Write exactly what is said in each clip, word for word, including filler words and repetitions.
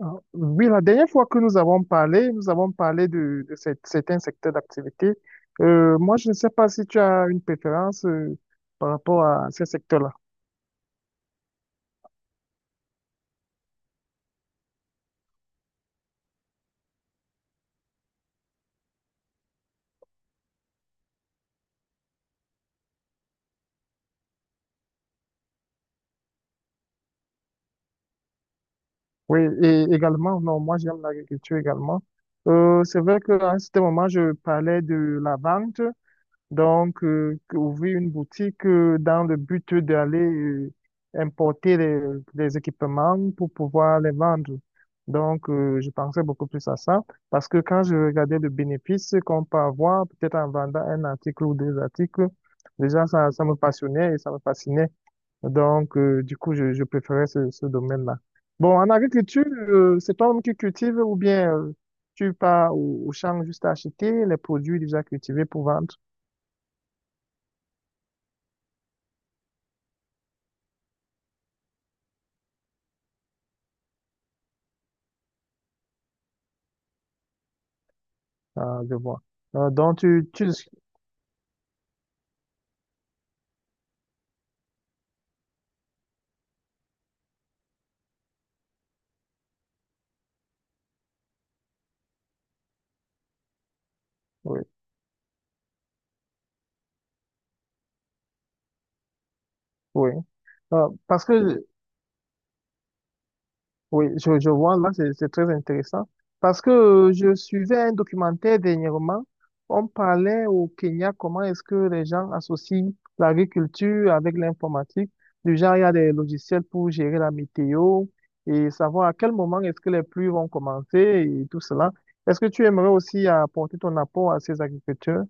Ah, oui, la dernière fois que nous avons parlé, nous avons parlé de, de cet- certains secteurs d'activité. Euh, moi, je ne sais pas si tu as une préférence euh, par rapport à ces secteurs-là. Oui, et également, non, moi j'aime l'agriculture également. Euh, c'est vrai qu'à un certain moment, je parlais de la vente, donc euh, que- ouvrir une boutique euh, dans le but d'aller euh, importer les, les équipements pour pouvoir les vendre. Donc, euh, je pensais beaucoup plus à ça, parce que quand je regardais le bénéfice qu'on peut avoir, peut-être en vendant un article ou deux articles, déjà ça, ça me passionnait et ça me fascinait. Donc, euh, du coup, je, je préférais ce, ce domaine-là. Bon, en agriculture, euh, c'est toi-même qui cultives ou bien euh, tu pars au, au champ juste à acheter les produits déjà cultivés pour vendre? Ah, je vois. Euh, donc, tu, tu, oui, oui. Euh, parce que, euh, Oui, je, je vois, là, c'est c'est très intéressant. Parce que euh, je suivais un documentaire dernièrement. On parlait au Kenya comment est-ce que les gens associent l'agriculture avec l'informatique. Du genre, il y a des logiciels pour gérer la météo et savoir à quel moment est-ce que les pluies vont commencer et tout cela. Est-ce que tu aimerais aussi apporter ton apport à ces agriculteurs?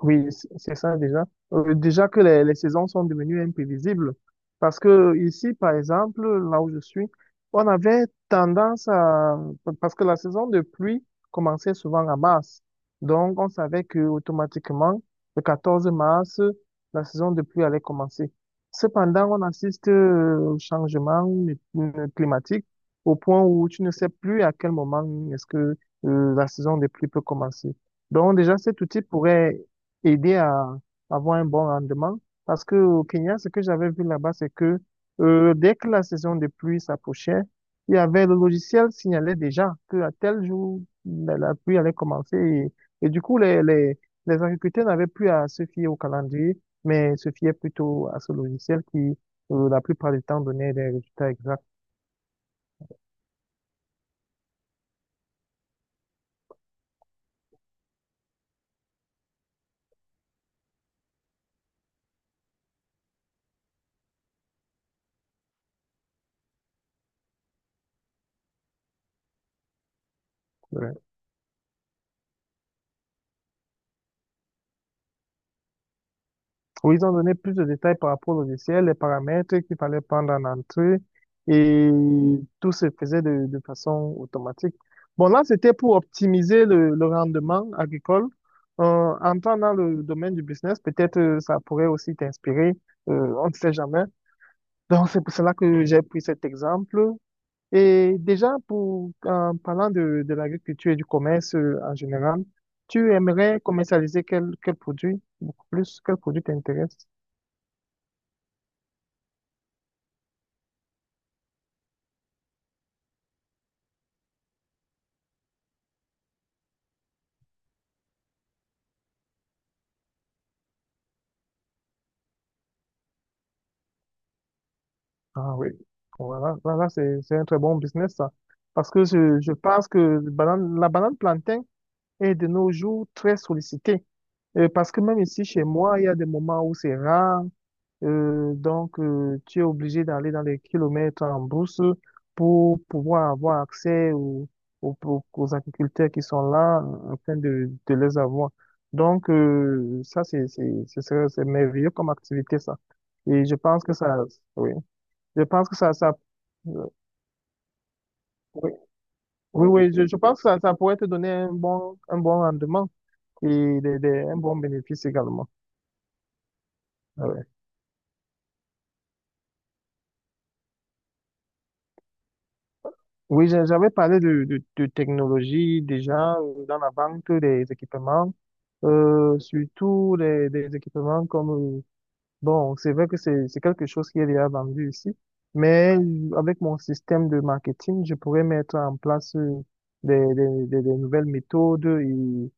Oui, c- c'est ça déjà. Euh, déjà que les, les saisons sont devenues imprévisibles. Parce que ici, par exemple, là où je suis, on avait tendance à... Parce que la saison de pluie commençait souvent à mars. Donc, on savait que automatiquement, le quatorze mars, la saison de pluie allait commencer. Cependant, on assiste euh, au changement euh, climatique au point où tu ne sais plus à quel moment est-ce que euh, la saison de pluie peut commencer. Donc, déjà, cet outil pourrait aider à avoir un bon rendement. Parce que au Kenya, ce que j'avais vu là-bas, c'est que euh, dès que la saison de pluie s'approchait, il y avait le logiciel signalait déjà que à tel jour la, la pluie allait commencer et, et du coup les, les, les agriculteurs n'avaient plus à se fier au calendrier, mais se fiaient plutôt à ce logiciel qui euh, la plupart du temps donnait des résultats exacts. Ouais. Où ils ont donné plus de détails par rapport au logiciel, les paramètres qu'il fallait prendre en entrée et tout se faisait de, de façon automatique. Bon, là, c'était pour optimiser le, le rendement agricole. Euh, entrant dans le domaine du business, peut-être euh, ça pourrait aussi t'inspirer. Euh, on ne sait jamais. Donc, c'est pour cela que j'ai pris cet exemple. Et déjà, pour, en parlant de, de l'agriculture et du commerce euh, en général, tu aimerais commercialiser quel, quel produit, beaucoup plus, quel produit t'intéresse? Ah oui, voilà, voilà, c'est, c'est un très bon business, ça. Parce que je, je pense que le banane- la banane plantain est de nos jours très sollicitée. Euh, parce que même ici, chez moi, il y a des moments où c'est rare. Euh, donc, euh, tu es obligé d'aller dans les kilomètres en brousse pour pouvoir avoir accès aux, aux, aux- aux agriculteurs qui sont là euh, afin de, de les avoir. Donc, euh, ça, c'est, c'est, c'est, c'est c'est merveilleux comme activité, ça. Et je pense que ça, oui, je pense que ça, ça, euh, oui, oui, oui, je, je pense que ça, ça pourrait te donner un bon, un bon rendement et des, des- un bon bénéfice également. Ah, ouais. Oui, j'a- j'avais parlé de, de, de technologie déjà euh, dans la vente des équipements, euh, surtout les, des équipements comme, euh, bon, c'est vrai que c'est, c'est quelque chose qui est déjà vendu ici, mais euh, avec mon système de marketing, je pourrais mettre en place euh, des, des, des, des nouvelles méthodes et,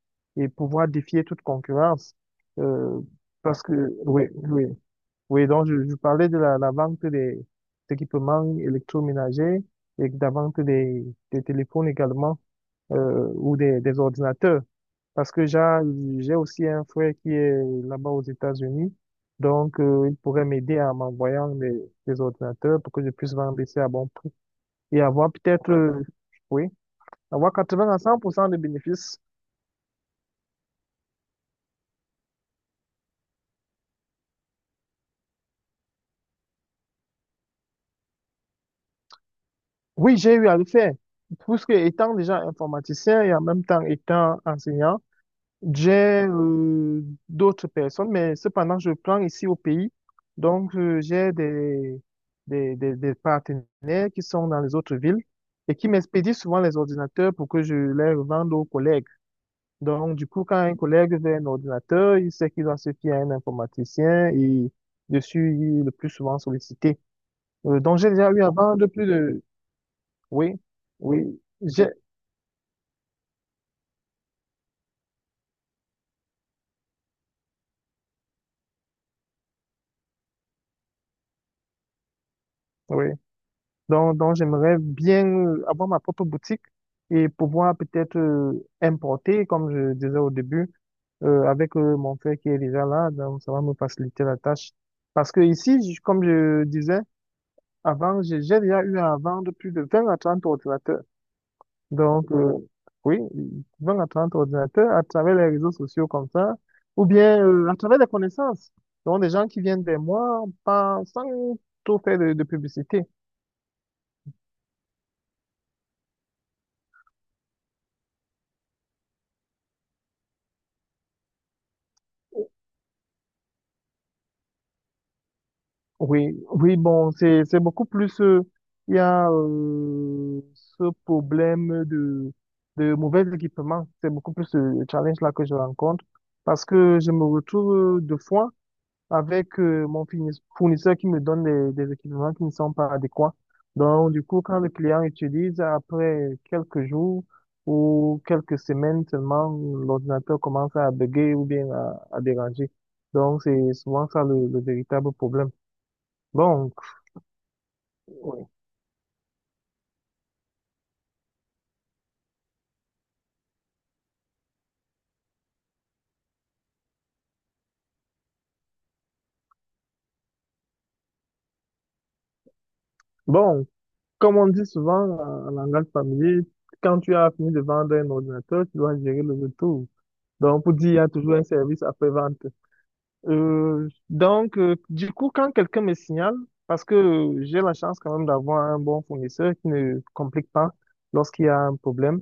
et pouvoir défier toute concurrence. Euh, parce que, oui, oui. Oui, donc je, je parlais de la, la vente des, équipements électroménagers et de la vente des, des téléphones également euh, ou des, des ordinateurs. Parce que j'ai j'ai aussi un frère qui est là-bas aux États-Unis, donc euh, il pourrait m'aider en m'envoyant des, des ordinateurs pour que je puisse vendre ici à bon prix et avoir peut-être, euh, oui, avoir quatre-vingts à cent pour cent de bénéfices. Oui, j'ai eu à le faire. Puisque étant déjà informaticien et en même temps étant enseignant, j'ai euh, d'autres personnes, mais cependant, je prends ici au pays. Donc, euh, j'ai des, des, des, des partenaires qui sont dans les autres villes et qui m'expédient souvent les ordinateurs pour que je les revende aux collègues. Donc, du coup, quand un collègue veut un ordinateur, il sait qu'il doit se fier à un informaticien et dessus, il est le plus souvent sollicité. Euh, donc, j'ai déjà eu à vendre plus de... Oui, oui, j'ai... Oui. Donc, donc j'aimerais bien euh, avoir ma propre boutique et pouvoir peut-être euh, importer, comme je disais au début, euh, avec euh, mon frère qui est déjà là. Donc, ça va me faciliter la tâche. Parce que ici, j- comme je disais avant, j'ai j'ai déjà eu à vendre plus de vingt à trente ordinateurs. Donc, euh, oui, ils vont à ton ordinateur à travers les réseaux sociaux comme ça, ou bien euh, à travers des connaissances. Donc, des gens qui viennent des mois pas, sans trop faire de, de publicité. Oui, oui, bon, c'est, c'est beaucoup plus. euh, Il y a euh, ce problème de, de mauvais équipement. C'est beaucoup plus le challenge là que je rencontre parce que je me retrouve euh, deux fois, avec euh, mon fournis- fournisseur qui me donne des, des équipements qui ne sont pas adéquats. Donc, du coup, quand le client utilise, après quelques jours ou quelques semaines seulement, l'ordinateur commence à bugger ou bien à, à déranger. Donc, c'est souvent ça le, le véritable problème. Bon, oui. Bon, comme on dit souvent en en langage familier, quand tu as fini de vendre un ordinateur, tu dois gérer le retour. Donc, pour dire, il y a toujours un service après-vente. Euh, donc, euh, du coup, quand quelqu'un me signale, parce que euh, j'ai la chance quand même d'avoir un bon fournisseur qui ne complique pas lorsqu'il y a un problème,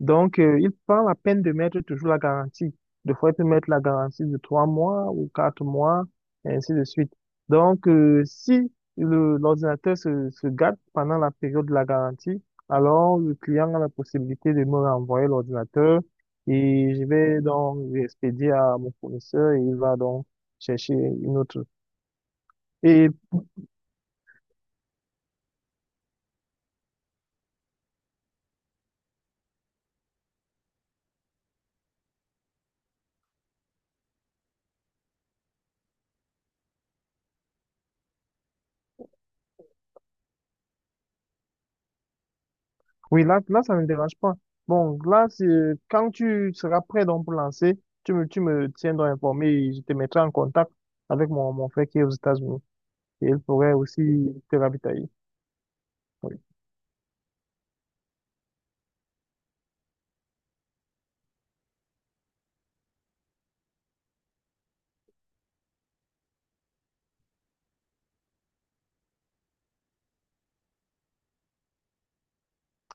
donc, euh, il prend la peine de mettre toujours la garantie. Des fois, il peut mettre la garantie de trois mois ou quatre mois, et ainsi de suite. Donc, euh, si le- l'ordinateur se, se gâte pendant la période de la garantie, alors le client a la possibilité de me renvoyer l'ordinateur et je vais donc l'expédier à mon fournisseur et il va donc chercher une autre. Et oui, là, là, ça ne me dérange pas. Bon, là, c'est- quand tu seras prêt donc pour lancer, tu me, tu me tiendras informé et je te mettrai en contact avec mon, mon frère qui est aux États-Unis. Et il pourrait aussi te ravitailler. Oui.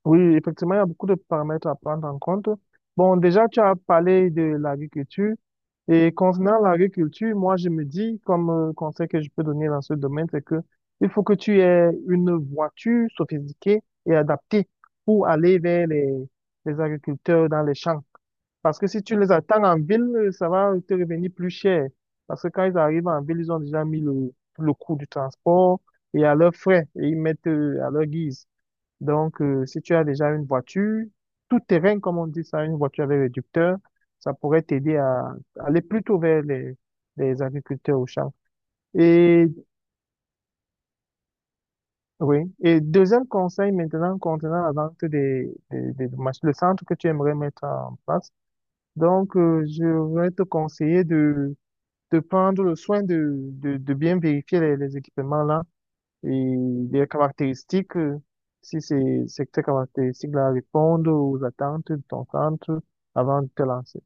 Oui, effectivement, il y a beaucoup de paramètres à prendre en compte. Bon, déjà, tu as parlé de l'agriculture. Et concernant l'agriculture, moi, je me dis, comme euh, conseil que je peux donner dans ce domaine, c'est que il faut que tu aies une voiture sophistiquée et adaptée pour aller vers les, les agriculteurs dans les champs. Parce que si tu les attends en ville, euh, ça va te revenir plus cher. Parce que quand ils arrivent en ville, ils ont déjà mis le, le coût du transport et à leurs frais et ils mettent euh, à leur guise. Donc, euh, si tu as déjà une voiture, tout terrain, comme on dit ça, une voiture avec réducteur, ça pourrait t'aider à aller plutôt vers les, les agriculteurs au champ. Et oui. Et deuxième conseil maintenant concernant la vente des, des, des mach- le centre que tu aimerais mettre en place. Donc, euh, je vais te conseiller de, de prendre le soin de, de, de bien vérifier les, les équipements là et des caractéristiques, euh, si ces, ces ces caractéristiques-là répondent aux attentes de ton centre avant de te lancer.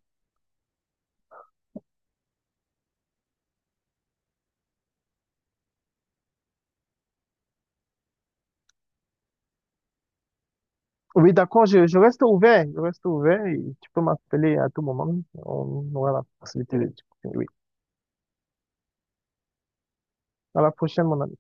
Oui, d'accord, je, je reste ouvert, je reste ouvert et tu peux m'appeler à tout moment. On aura la possibilité de... discuter. Oui, à la prochaine, mon ami.